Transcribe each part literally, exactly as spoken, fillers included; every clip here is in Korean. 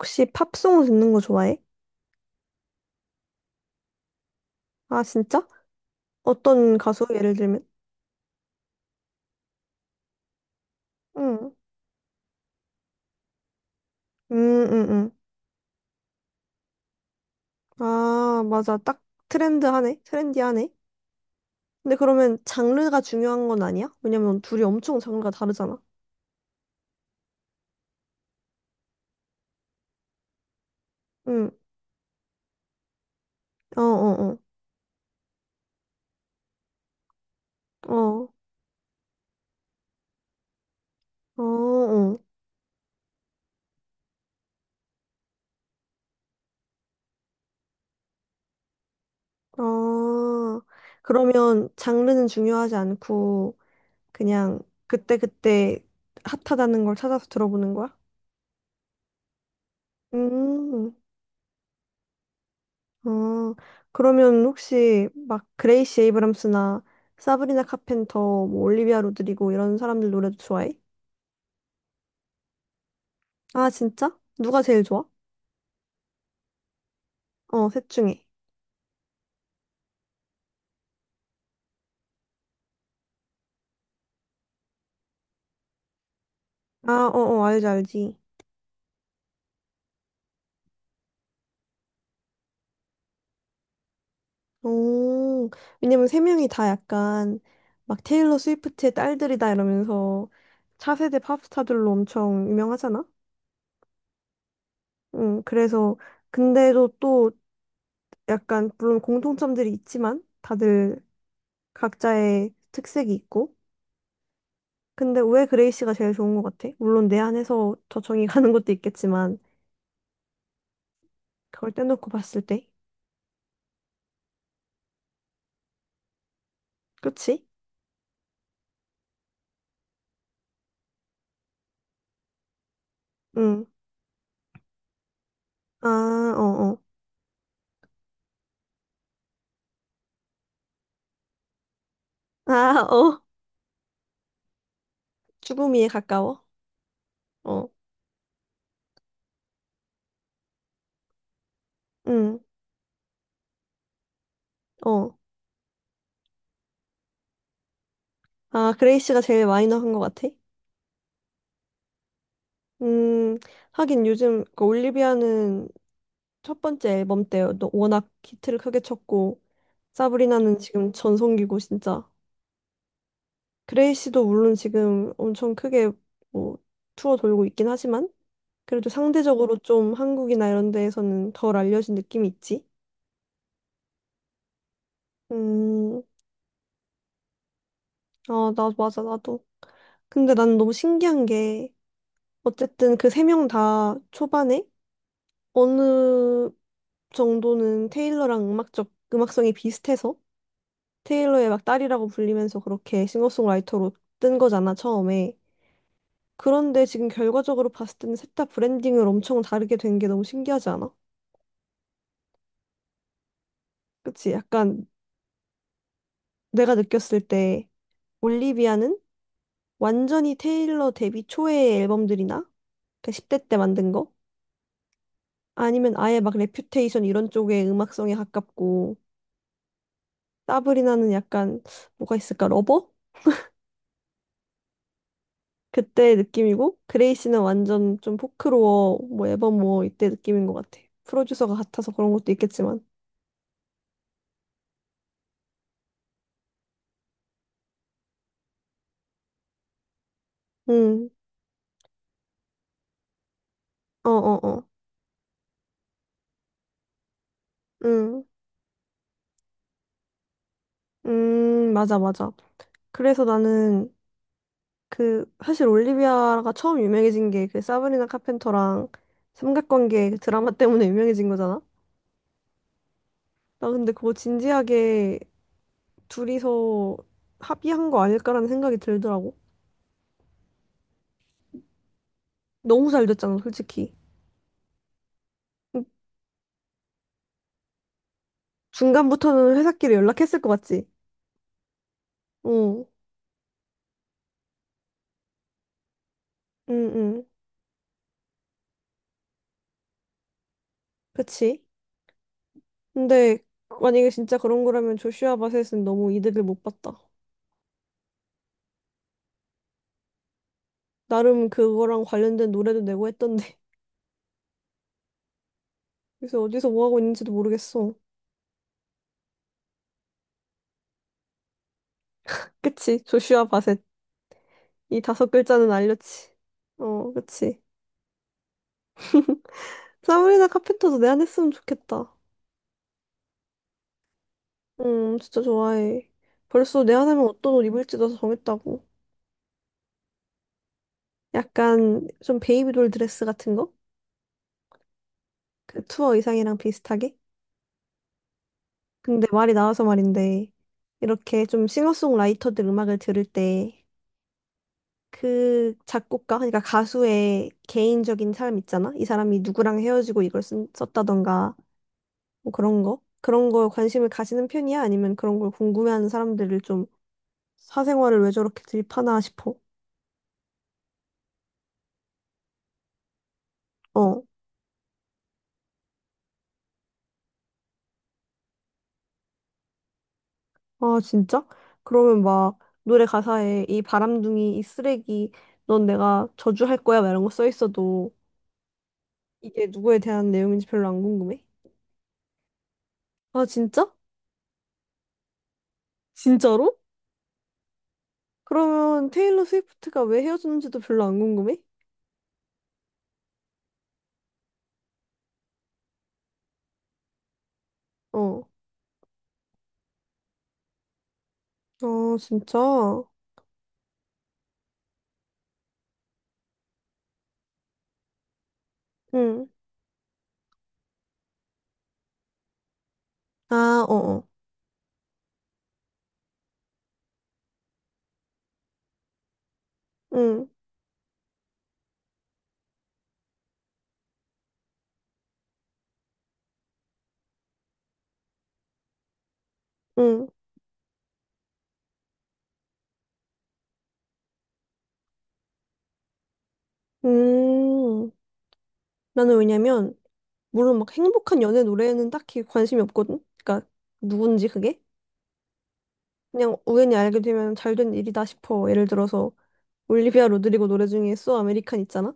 혹시 팝송 듣는 거 좋아해? 아, 진짜? 어떤 가수? 예를 들면? 응. 음, 음, 음. 아, 맞아. 딱 트렌드하네. 트렌디하네. 근데 그러면 장르가 중요한 건 아니야? 왜냐면 둘이 엄청 장르가 다르잖아. 응. 어, 어, 어. 어, 어, 어. 아, 그러면 장르는 중요하지 않고 그냥 그때그때 핫하다는 걸 찾아서 들어보는 거야? 음. 아, 그러면 혹시 막 그레이시 에이브람스나 사브리나 카펜터, 뭐 올리비아 로드리고 이런 사람들 노래도 좋아해? 아, 진짜? 누가 제일 좋아? 어, 셋 중에. 아, 어어, 알지, 알지. 오, 왜냐면 세 명이 다 약간 막 테일러 스위프트의 딸들이다 이러면서 차세대 팝스타들로 엄청 유명하잖아? 응, 그래서 근데도 또 약간 물론 공통점들이 있지만 다들 각자의 특색이 있고 근데 왜 그레이시가 제일 좋은 것 같아? 물론 내 안에서 저정이 가는 것도 있겠지만 그걸 떼놓고 봤을 때, 그치? 응. 아, 어, 어. 아, 어. 죽음이에 가까워. 어. 응. 어. 아, 그레이시가 제일 마이너한 것 같아? 음, 하긴 요즘 그 올리비아는 첫 번째 앨범 때 너- 워낙 히트를 크게 쳤고 사브리나는 지금 전성기고 진짜 그레이시도 물론 지금 엄청 크게 뭐 투어 돌고 있긴 하지만. 그래도 상대적으로 좀 한국이나 이런 데에서는 덜 알려진 느낌이 있지? 음, 아, 나, 맞아, 나도. 근데 나는 너무 신기한 게, 어쨌든 그 세 명 다 초반에 어느 정도는 테일러랑 음악적, 음악성이 비슷해서 테일러의 막 딸이라고 불리면서 그렇게 싱어송라이터로 뜬 거잖아, 처음에. 그런데 지금 결과적으로 봤을 때는 셋 다 브랜딩을 엄청 다르게 된 게 너무 신기하지 않아? 그치? 약간 내가 느꼈을 때 올리비아는 완전히 테일러 데뷔 초의 앨범들이나 그 십 대 때 만든 거? 아니면 아예 막 레퓨테이션 이런 쪽의 음악성에 가깝고 사브리나는 약간 뭐가 있을까? 러버? 그때 느낌이고 그레이시는 완전 좀 포크로어 뭐 앨범 뭐 이때 느낌인 것 같아. 프로듀서가 같아서 그런 것도 있겠지만. 음. 어 어어. 음. 음, 맞아 맞아. 그래서 나는 그 사실 올리비아가 처음 유명해진 게 그 사브리나 카펜터랑 삼각관계 그 드라마 때문에 유명해진 거잖아. 나 근데 그거 진지하게 둘이서 합의한 거 아닐까라는 생각이 들더라고. 너무 잘 됐잖아, 솔직히. 중간부터는 회사끼리 연락했을 것 같지? 응, 응, 응. 그치? 근데 만약에 진짜 그런 거라면 조슈아 바셋은 너무 이득을 못 봤다. 나름 그거랑 관련된 노래도 내고 했던데. 그래서 어디서 뭐 하고 있는지도 모르겠어. 그치? 조슈아 바셋. 이 다섯 글자는 알렸지. 어, 그치. 사브리나 카펜터도 내 안 했으면 좋겠다. 음, 진짜 좋아해. 벌써 내 안 하면 어떤 옷 입을지도 정했다고. 약간 좀 베이비돌 드레스 같은 거? 그 투어 의상이랑 비슷하게? 근데 말이 나와서 말인데, 이렇게 좀 싱어송라이터들 음악을 들을 때, 그 작곡가, 그러니까 가수의 개인적인 삶 있잖아? 이 사람이 누구랑 헤어지고 이걸 쓴, 썼다던가, 뭐 그런 거? 그런 거에 관심을 가지는 편이야? 아니면 그런 걸 궁금해하는 사람들을 좀 사생활을 왜 저렇게 드립하나 싶어? 어. 아, 진짜? 그러면 막 노래 가사에 이 바람둥이, 이 쓰레기, 넌 내가 저주할 거야? 막 이런 거 써 있어도 이게 누구에 대한 내용인지 별로 안 궁금해? 아, 진짜? 진짜로? 그러면 테일러 스위프트가 왜 헤어졌는지도 별로 안 궁금해? 어. 아, 진짜? 응. 아, 어어. 응, 응. 음. 나는 왜냐면 물론 막 행복한 연애 노래에는 딱히 관심이 없거든? 그러니까 누군지 그게? 그냥 우연히 알게 되면 잘된 일이다 싶어. 예를 들어서 올리비아 로드리고 노래 중에 So American 있잖아?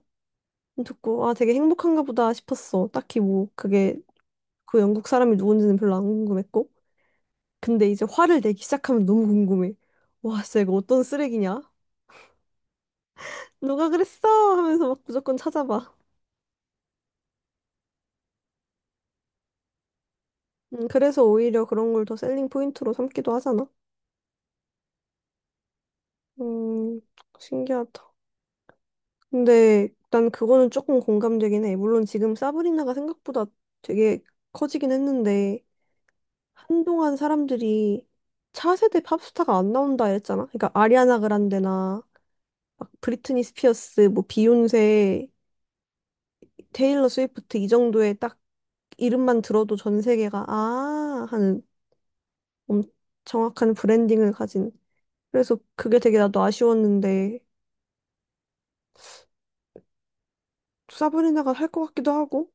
듣고 아 되게 행복한가 보다 싶었어. 딱히 뭐 그게 그 영국 사람이 누군지는 별로 안 궁금했고. 근데 이제 화를 내기 시작하면 너무 궁금해. 와 진짜 이거 어떤 쓰레기냐? 누가 그랬어? 하면서 막 무조건 찾아봐. 음, 그래서 오히려 그런 걸 더 셀링 포인트로 삼기도 하잖아. 음, 신기하다. 근데 난 그거는 조금 공감되긴 해. 물론 지금 사브리나가 생각보다 되게 커지긴 했는데 한동안 사람들이 차세대 팝스타가 안 나온다 했잖아. 그러니까 아리아나 그란데나 막 브리트니 스피어스, 뭐 비욘세, 테일러 스위프트 이 정도의 딱 이름만 들어도 전 세계가 아 하는 엄- 정확한 브랜딩을 가진. 그래서 그게 되게 나도 아쉬웠는데 사브리나가 할 것 같기도 하고.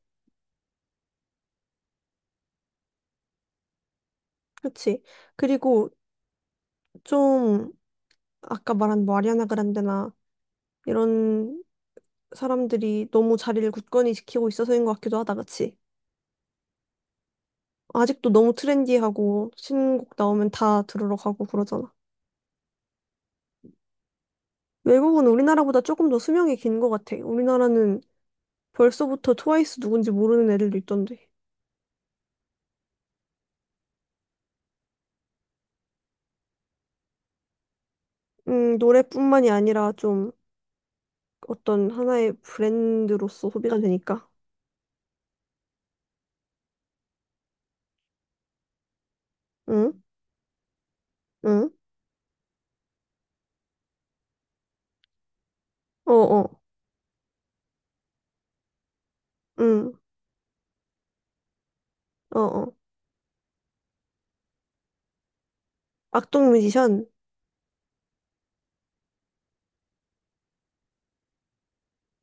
그치? 그리고 좀 아까 말한 뭐 아리아나 그란데나 이런 사람들이 너무 자리를 굳건히 지키고 있어서인 것 같기도 하다, 그치? 아직도 너무 트렌디하고 신곡 나오면 다 들으러 가고 그러잖아. 외국은 우리나라보다 조금 더 수명이 긴 것 같아. 우리나라는 벌써부터 트와이스 누군지 모르는 애들도 있던데. 음, 노래뿐만이 아니라 좀 어떤 하나의 브랜드로서 소비가 되니까. 응? 응? 어어. 응. 어어. 악동 뮤지션?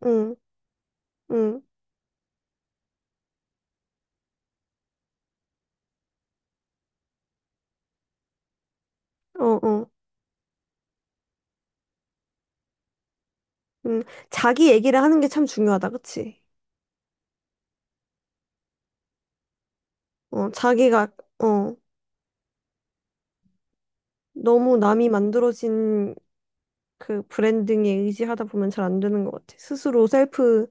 응. 응. 어어. 음, 자기 얘기를 하는 게 참 중요하다, 그치? 어, 자기가, 어, 너무 남이 만들어진 그 브랜딩에 의지하다 보면 잘 안 되는 것 같아. 스스로 셀프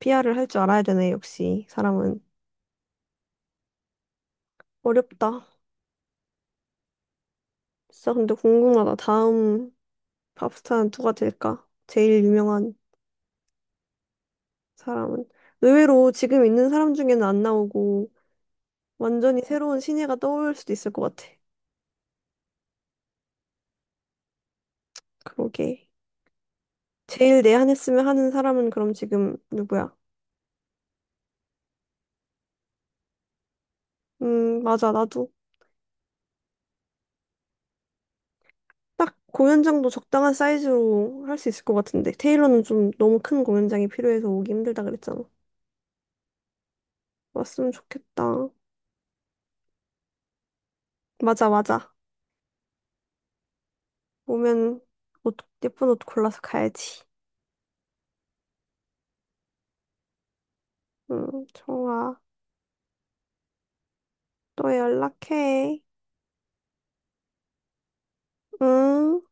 피알을 할 줄 알아야 되네, 역시. 사람은. 어렵다. 진짜 근데 궁금하다. 다음 팝스타는 누가 될까? 제일 유명한 사람은. 의외로 지금 있는 사람 중에는 안 나오고, 완전히 새로운 신예가 떠올 수도 있을 것 같아. 그러게. 제일 내한했으면 하는 사람은 그럼 지금 누구야? 음, 맞아. 나도 딱 공연장도 적당한 사이즈로 할 수 있을 것 같은데. 테일러는 좀 너무 큰 공연장이 필요해서 오기 힘들다 그랬잖아. 왔으면 좋겠다. 맞아, 맞아. 오면 옷, 예쁜 옷 골라서 가야지. 응 좋아. 또 연락해. 응.